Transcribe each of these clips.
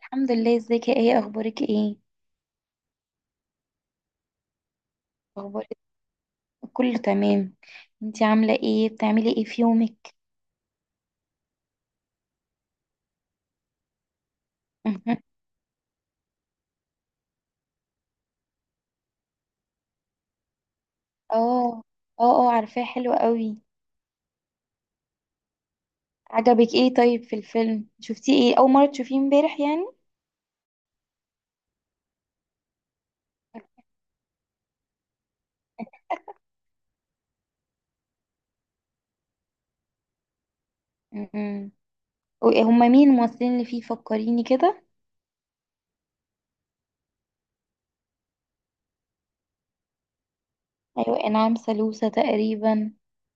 الحمد لله، ازيك؟ يا ايه اخبارك؟ ايه اخبارك، كله تمام؟ انتي عامله ايه؟ بتعملي ايه في يومك؟ مهم. اه، اه، اه عارفاه، حلو قوي. عجبك ايه طيب في الفيلم؟ شفتيه ايه؟ اول مره تشوفيه امبارح يعني؟ مهم. هما مين الممثلين اللي فيه؟ فكريني كده. ايوه انعام سالوسة تقريبا،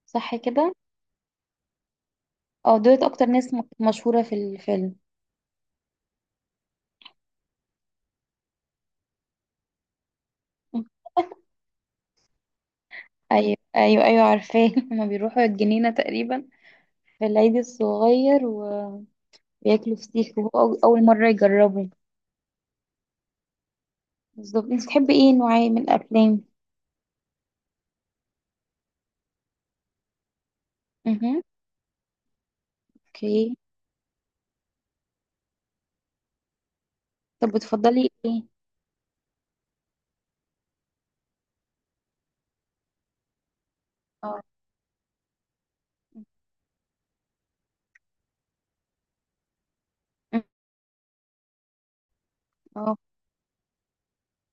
صح كده؟ اه، دولت اكتر ناس مشهوره في الفيلم. مهم. ايوه ايوه ايوه عارفاه. هما بيروحوا الجنينه تقريبا في العيد الصغير، و بياكلوا فسيخ، وهو أول مرة يجربوا. بالظبط. انت بتحبي ايه نوعية من الأفلام؟ اها. اوكي. طب بتفضلي ايه؟ اه. اه،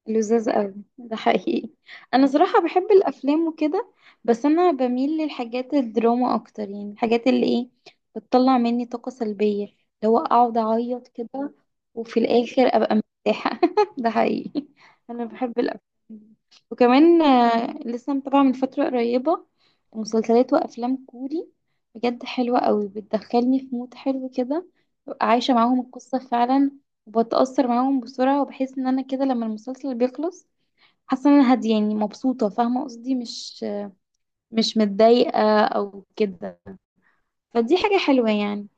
لذاذ قوي ده، حقيقي. انا صراحة بحب الافلام وكده، بس انا بميل للحاجات الدراما اكتر، يعني الحاجات اللي ايه، بتطلع مني طاقة سلبية، اللي هو اقعد اعيط كده، وفي الاخر ابقى مرتاحة. ده حقيقي، انا بحب الافلام. وكمان لسه متابعة من فترة قريبة مسلسلات وافلام كوري، بجد حلوة قوي، بتدخلني في مود حلو كده، ببقى عايشة معاهم القصة فعلا، وبتأثر معاهم بسرعة، وبحس ان انا كده لما المسلسل بيخلص، حاسة ان انا هادية، يعني مبسوطة، فاهمة قصدي؟ مش مش متضايقة او كده، فدي حاجة حلوة يعني.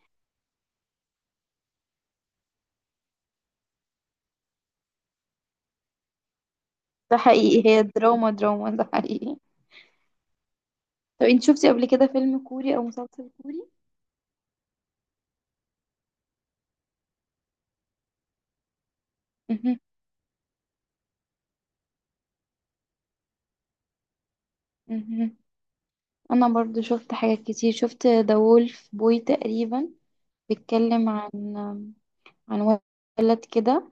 ده حقيقي، هي دراما دراما، ده حقيقي. طب انت شفتي قبل كده فيلم كوري او مسلسل كوري؟ مهم. مهم. انا برضو شفت حاجات كتير، شفت ذا وولف بوي تقريبا، بيتكلم عن عن ولد كده.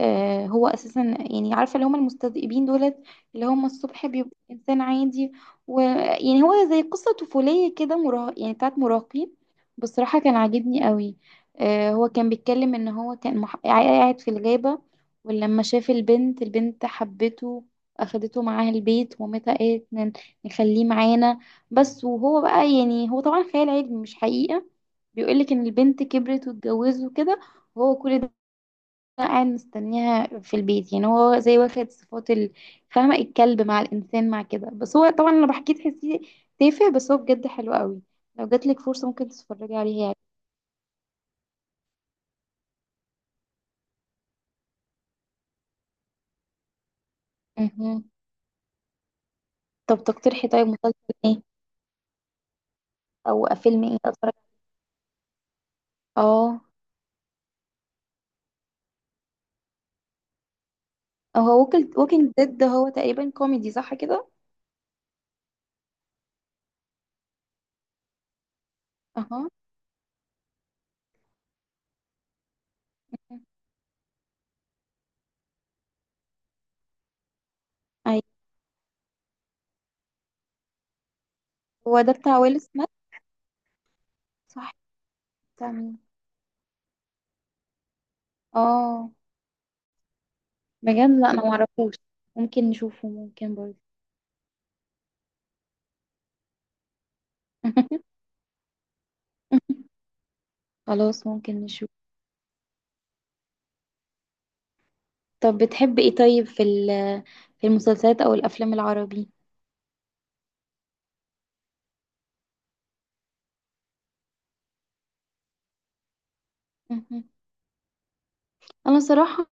هو اساسا يعني، عارفه اللي هم المستذئبين دولت، اللي هم الصبح بيبقى انسان عادي، ويعني هو زي قصه طفوليه كده، مراه يعني بتاعت مراهقين. بصراحه كان عاجبني قوي. هو كان بيتكلم ان هو كان قاعد في الغابه، ولما شاف البنت، البنت حبته، اخدته معاها البيت، ومامتها قالت نخليه معانا بس. وهو بقى يعني، هو طبعا خيال علمي مش حقيقه، بيقولك ان البنت كبرت واتجوزت وكده، وهو كل ده قاعد مستنيها في البيت، يعني هو زي واخد صفات فاهمة؟ الكلب مع الإنسان مع كده. بس هو طبعا لو بحكيه تحسيه تافه، بس هو بجد حلو قوي. لو جاتلك فرصة ممكن تتفرجي عليه يعني. مهم. طب تقترحي طيب مسلسل ايه أو فيلم ايه أتفرج عليه؟ اه. هو ووكينج ديد ده هو تقريبا كوميدي، صح كده؟ اها. مهم. أيوة. هو ده بتاع ويل سميث، صح؟ بتاع مين؟ اه. بجد لا أنا معرفوش، ممكن نشوفه، ممكن برضه. خلاص ممكن نشوف. طب بتحب ايه طيب في في المسلسلات او الافلام العربي؟ مهم. انا صراحه،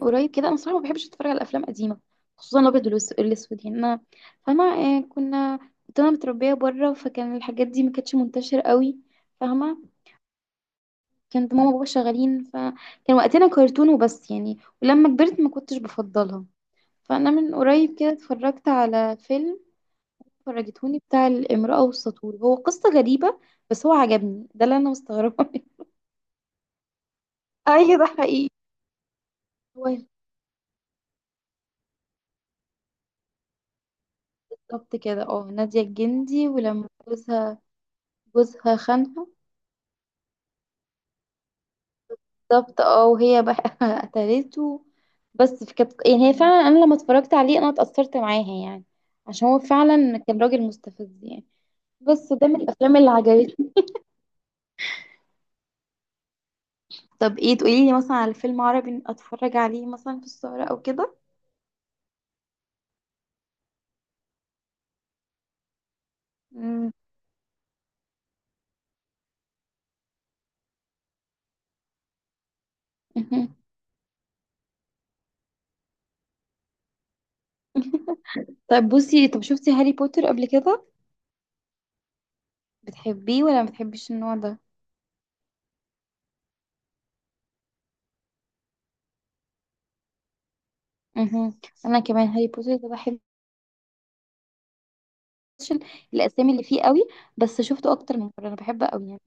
قريب كده انا صراحه ما بحبش اتفرج على الافلام القديمه، خصوصا الابيض والاسود، يعني انا فاهمه، كنا كنت انا متربيه بره، فكان الحاجات دي ما كانتش منتشره قوي، فاهمه؟ كانت ماما وبابا شغالين، فكان وقتنا كرتون وبس يعني، ولما كبرت ما كنتش بفضلها. فانا من قريب كده اتفرجت على فيلم فرجتهوني، بتاع الامرأة والسطول، هو قصة غريبة بس هو عجبني، ده اللي انا مستغربة. ايوه ده حقيقي. هو بالظبط كده، اه نادية الجندي. ولما جوزها، جوزها خانها. بالظبط، اه وهي بقى قتلته. بس في كانت يعني، هي فعلا، انا لما اتفرجت عليه انا اتأثرت معاها يعني، عشان هو فعلا كان راجل مستفز يعني. بس ده من الافلام اللي عجبتني. طب ايه تقولي لي مثلا على فيلم عربي اتفرج عليه مثلا في السهرة او كده؟ مم. طيب بصي، طب شفتي هاري بوتر قبل كده؟ بتحبيه ولا ما بتحبيش النوع ده؟ مهم. انا كمان هاري بوتر ده بحبه. شن- الاسامي اللي فيه قوي، بس شفته اكتر من مره، انا بحبه قوي يعني.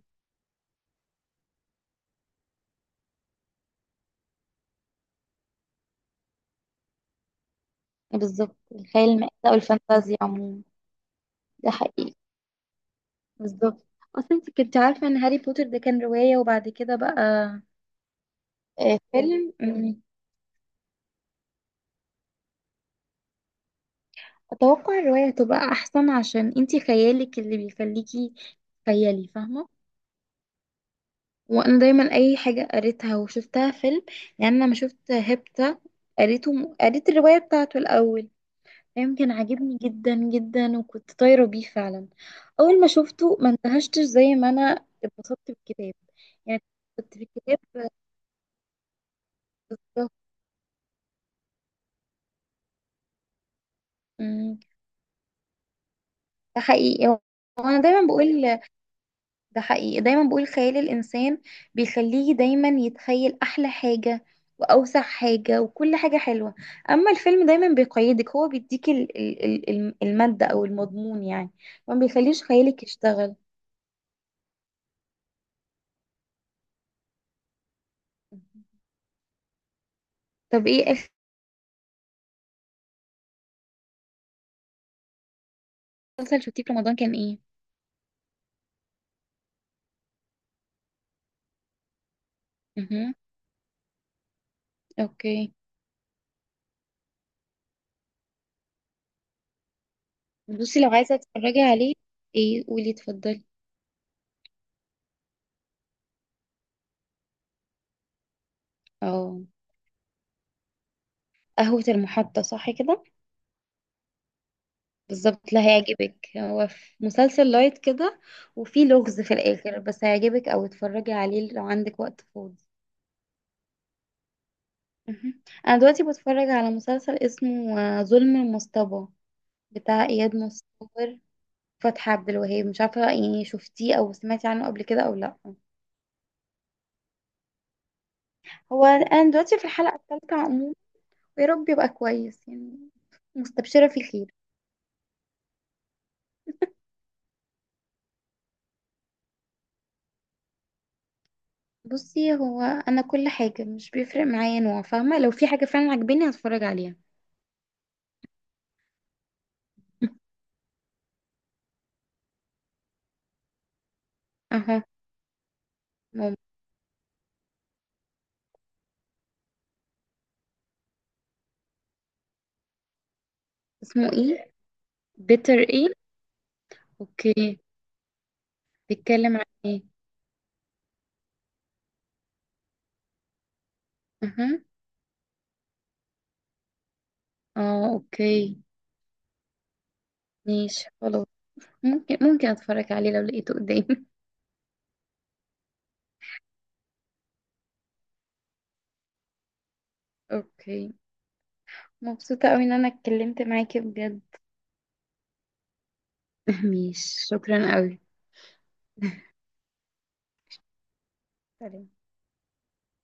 بالظبط، الخيال المائده والفانتازيا عموما. ده حقيقي، بالظبط. اصلا انت كنت عارفه ان هاري بوتر ده كان روايه وبعد كده بقى فيلم؟ مم. اتوقع الروايه هتبقى احسن، عشان انت خيالك اللي بيخليكي، خيالي فاهمه. وانا دايما اي حاجه قريتها وشفتها فيلم، يعني انا لما شفت هيبتا، قريته قريت الروايه بتاعته الاول، فاهم؟ كان عاجبني جدا جدا وكنت طايرة بيه فعلا. أول ما شفته ما اندهشتش زي ما أنا اتبسطت بالكتاب يعني، كنت بالكتاب. بالظبط. أمم، ده حقيقي. هو هو أنا دايما بقول، ده حقيقي، دايما بقول خيال الإنسان بيخليه دايما يتخيل أحلى حاجة وأوسع حاجة وكل حاجة حلوة. أما الفيلم دايما بيقيدك، هو بيديك المادة أو المضمون يعني، ما بيخليش خيالك يشتغل. طب إيه آخر مسلسل شفتيه في رمضان؟ كان إيه؟ مهم. اوكي. بصي لو عايزه تتفرجي عليه، ايه قولي، اتفضلي. اه، قهوة المحطة، صح كده؟ بالظبط، لا هيعجبك، هو في مسلسل لايت كده وفي لغز في الآخر، بس هيعجبك، أو اتفرجي عليه لو عندك وقت فاضي. مهم. أنا دلوقتي بتفرج على مسلسل اسمه ظلم المصطبة، بتاع إياد نصار، فتحي عبد الوهاب. مش عارفة يعني شفتيه أو سمعتي عنه قبل كده أو لأ؟ هو أنا دلوقتي في الحلقة الثالثة، ويا رب يبقى كويس يعني، مستبشرة فيه خير. بصي هو أنا كل حاجة مش بيفرق معايا نوع، فاهمة؟ لو في حاجة فعلا عجباني هتفرج عليها. أها. ماما؟ اسمه ايه؟ بيتر ايه؟ اوكي. بيتكلم عن ايه؟ أها. اه، اوكي. ماشي خلاص، ممكن ممكن اتفرج عليه لو لقيته قدامي. اوكي، مبسوطة قوي ان انا اتكلمت معاكي بجد. ماشي، شكرا قوي. سلام.